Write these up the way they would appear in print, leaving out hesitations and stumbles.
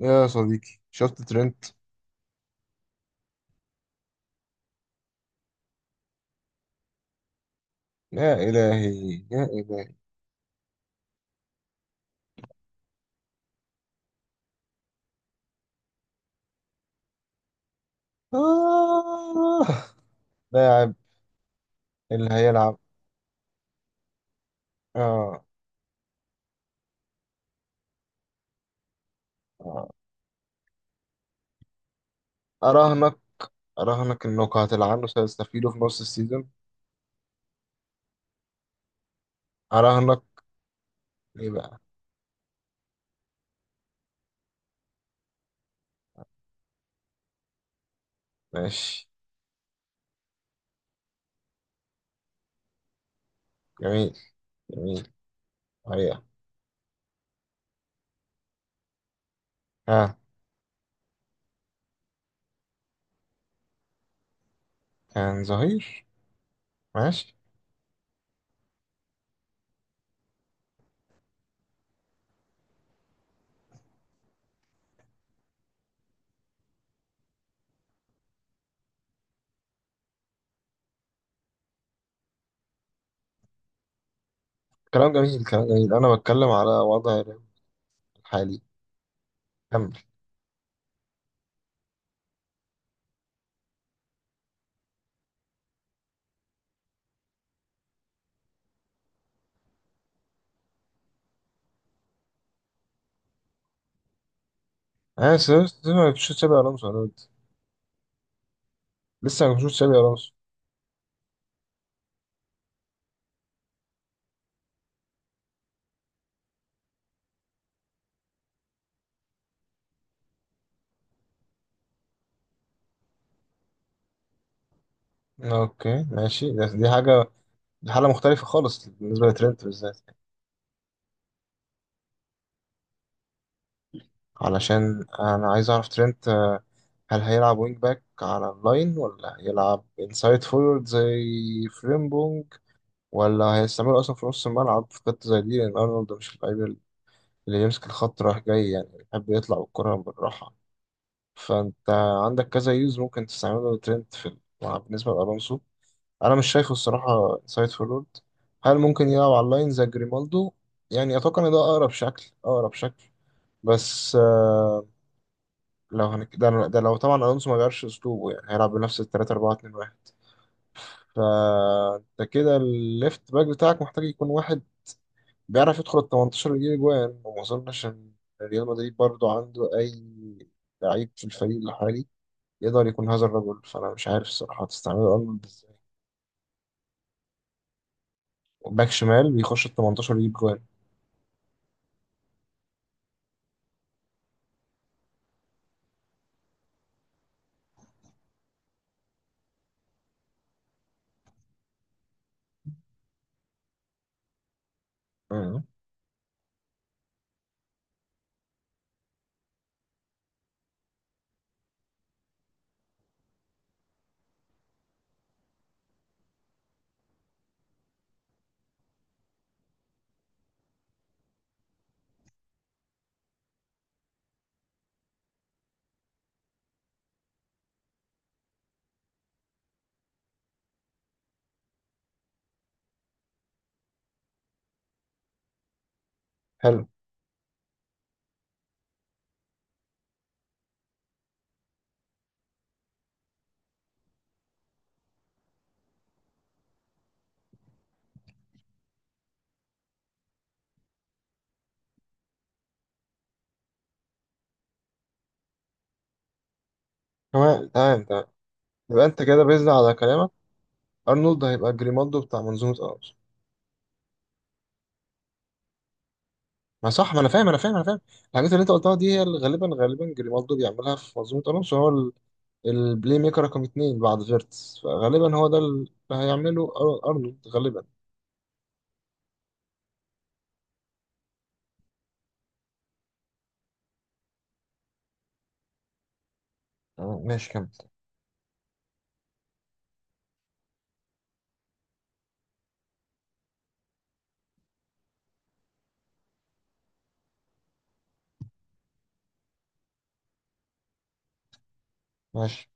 يا صديقي شفت ترند. يا إلهي يا إلهي. آه. لاعب اللي هيلعب. آه. آه. أراهنك. أراهنك إنك هتلعنه سيستفيدوا في نص السيزون. أراهنك. ليه بقى؟ ماشي. جميل جميل حقيقة. ها. كان ظهير. ماشي. كلام جميل كلام جميل، أنا بتكلم على وضع الحالي. كمل. أنا ما بشوفش تشابي ألونسو أنا قلت. لسه ما بشوفش تشابي ألونسو. أوكي ماشي، دي حاجة. دي حالة مختلفة خالص بالنسبة لترنت بالذات، علشان أنا عايز أعرف ترنت، هل هيلعب وينج باك على اللاين ولا هيلعب انسايد فورورد زي فريمبونج، ولا هيستعمله أصلا في نص الملعب في خطة زي دي، لأن أرنولد مش اللعيب اللي يمسك الخط رايح جاي، يعني بيحب يطلع بالكرة بالراحة. فأنت عندك كذا يوز ممكن تستعمله ترنت في الملعب. بالنسبة لألونسو أنا مش شايفه الصراحة انسايد فورورد. هل ممكن يلعب على اللاين زي جريمالدو؟ يعني أتوقع إن ده أقرب شكل أقرب شكل. بس ده لو طبعا الونسو ما غيرش اسلوبه يعني هيلعب بنفس ال 3 4 2 1. فانت كده الليفت باك بتاعك محتاج يكون واحد بيعرف يدخل ال 18 ويجيب اجوان، وما اظنش ان ريال مدريد برضو عنده اي لعيب في الفريق الحالي يقدر يكون هذا الرجل، فانا مش عارف الصراحه هتستعمله ارنولد ازاي. باك شمال بيخش ال 18 ويجيب جوان. مم. حلو. تمام تمام تمام. يبقى انت كده بيزن على كلامك، ارنولد هيبقى جريمالدو بتاع منظومه. ما صح، ما انا فاهم انا فاهم انا فاهم. الحاجات اللي انت قلتها دي هي اللي غالبا غالبا جريمالدو بيعملها في منظومه الونسو، هو البلاي ميكر رقم اتنين بعد فيرتس، فغالبا هو ده اللي هيعمله ارنولد غالبا. تمام، ماشي كمل. ماشي.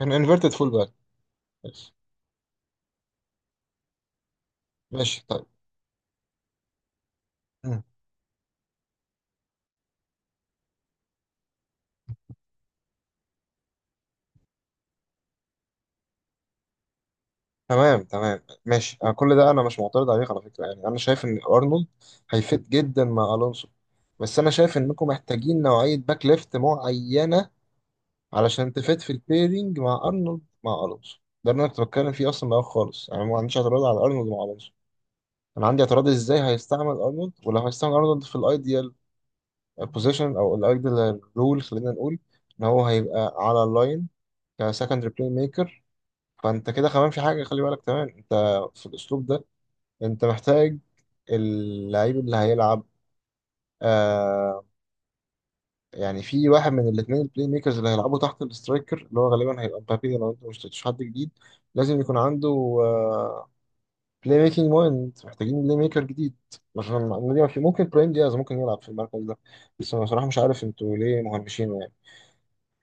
كان انفيرتد فول باك. ماشي. ماشي طيب. مم. تمام تمام ماشي، أنا كل ده انا مش معترض عليك على فكره، يعني انا شايف ان ارنولد هيفيد جدا مع الونسو، بس انا شايف انكم محتاجين نوعيه باك ليفت معينه علشان تفيد في البيرنج مع ارنولد مع الونسو. ده اللي انا كنت بتكلم فيه اصلا من الاول خالص، انا ما عنديش اعتراض على ارنولد مع الونسو، انا عندي اعتراض ازاي هيستعمل ارنولد، ولو هيستعمل ارنولد في الايديال بوزيشن او الايديال رول، خلينا نقول ان هو هيبقى على اللاين كسكندري بلاي ميكر. فانت كده كمان في حاجه خلي بالك كمان انت، في الاسلوب ده انت محتاج اللعيب اللي هيلعب، آه، يعني في واحد من الاثنين البلاي ميكرز اللي هيلعبوا تحت الاسترايكر، اللي هو غالبا هيبقى مبابي لو انت ما اشتريتش حد جديد، لازم يكون عنده بلاي ميكنج مايند. محتاجين بلاي ميكر جديد عشان المعلومة دي. ما في، ممكن برايم دياز ممكن يلعب في المركز ده، بس انا بصراحة مش عارف انتوا ليه مهمشينه يعني.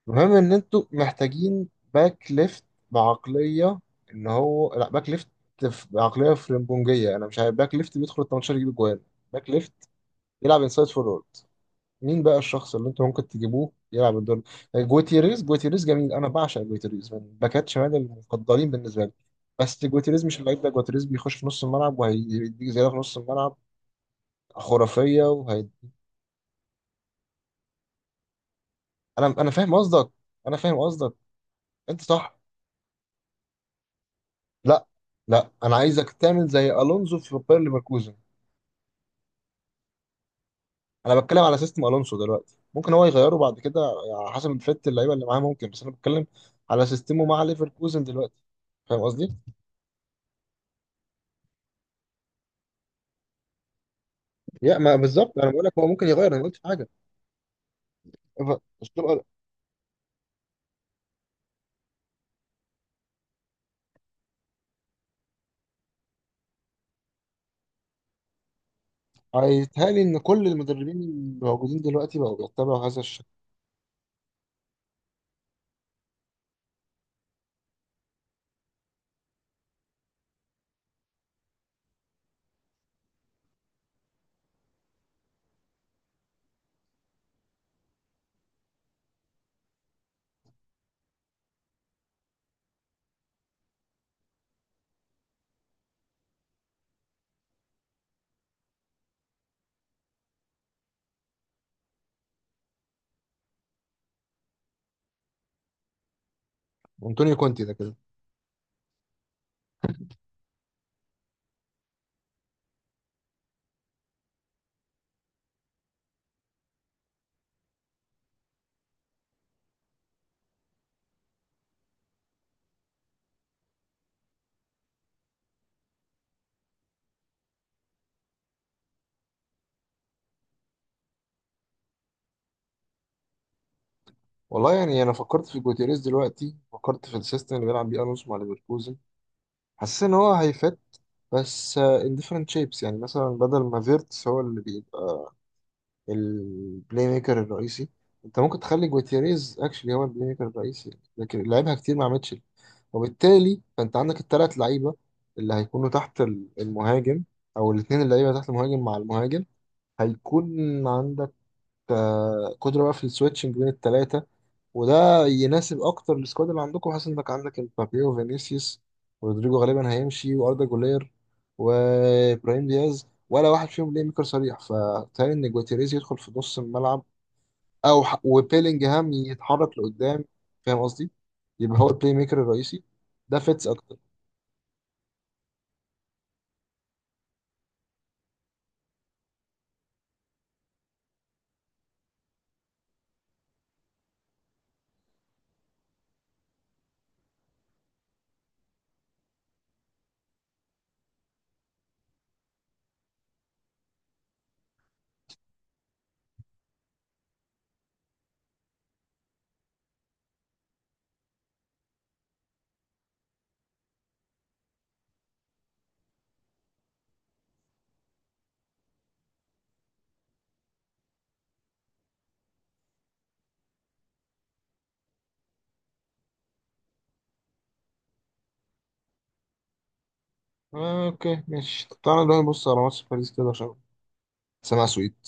المهم ان انتوا محتاجين باك ليفت بعقلية ان هو لا باك ليفت، بعقلية فرنبونجية. انا مش عارف باك ليفت بيدخل ال 18 يجيب جوان. باك ليفت يلعب انسايد فورورد. مين بقى الشخص اللي انت ممكن تجيبوه يلعب الدور؟ جوتيريز. جوتيريز جميل، انا بعشق جوتيريز، من باكات شمال المفضلين بالنسبه لي. بس جوتيريز مش اللعيب ده، جوتيريز بيخش في نص الملعب وهيديك زياده في نص الملعب خرافيه وهي. انا فاهم قصدك انا فاهم قصدك. انت صح. لا لا، انا عايزك تعمل زي الونزو في باير ليفركوزن. انا بتكلم على سيستم الونسو دلوقتي، ممكن هو يغيره بعد كده على حسب الفت اللعيبه اللي معاه ممكن، بس انا بتكلم على سيستمه مع ليفركوزن دلوقتي. فاهم قصدي؟ يا ما بالظبط، انا بقول لك هو ممكن يغير، انا ما قلتش حاجه. ف- الشغل- هيتهيألي ان كل المدربين الموجودين دلوقتي بقوا بيتبعوا هذا الشكل. انطونيو كونتي ده كده. والله يعني انا فكرت في جوتيريز دلوقتي، فكرت في السيستم اللي بيلعب بيه الونسو مع ليفركوزن، حسيت ان هو هيفت، بس ان ديفرنت شيبس. يعني مثلا بدل ما فيرتس هو اللي بيبقى البلاي ميكر الرئيسي، انت ممكن تخلي جوتيريز اكشلي هو البلاي ميكر الرئيسي، لكن لعبها كتير مع ميتشل. وبالتالي فانت عندك الثلاث لعيبه اللي هيكونوا تحت المهاجم، او الاثنين اللعيبه تحت المهاجم مع المهاجم. هيكون عندك قدره بقى في السويتشنج بين الثلاثه، وده يناسب اكتر السكواد اللي عندكم. حاسس انك عندك امبابي وفينيسيوس ورودريجو، غالبا هيمشي واردا، جولير وابراهيم دياز ولا واحد فيهم بلاي ميكر صريح، فتهيألي ان جواتيريز يدخل في نص الملعب، وبيلينجهام يتحرك لقدام. فاهم قصدي؟ يبقى هو البلاي ميكر الرئيسي، ده فيتس اكتر. آه، اوكي ماشي. طب تعالى نروح نبص على ماتش باريس كده عشان سمع سويت.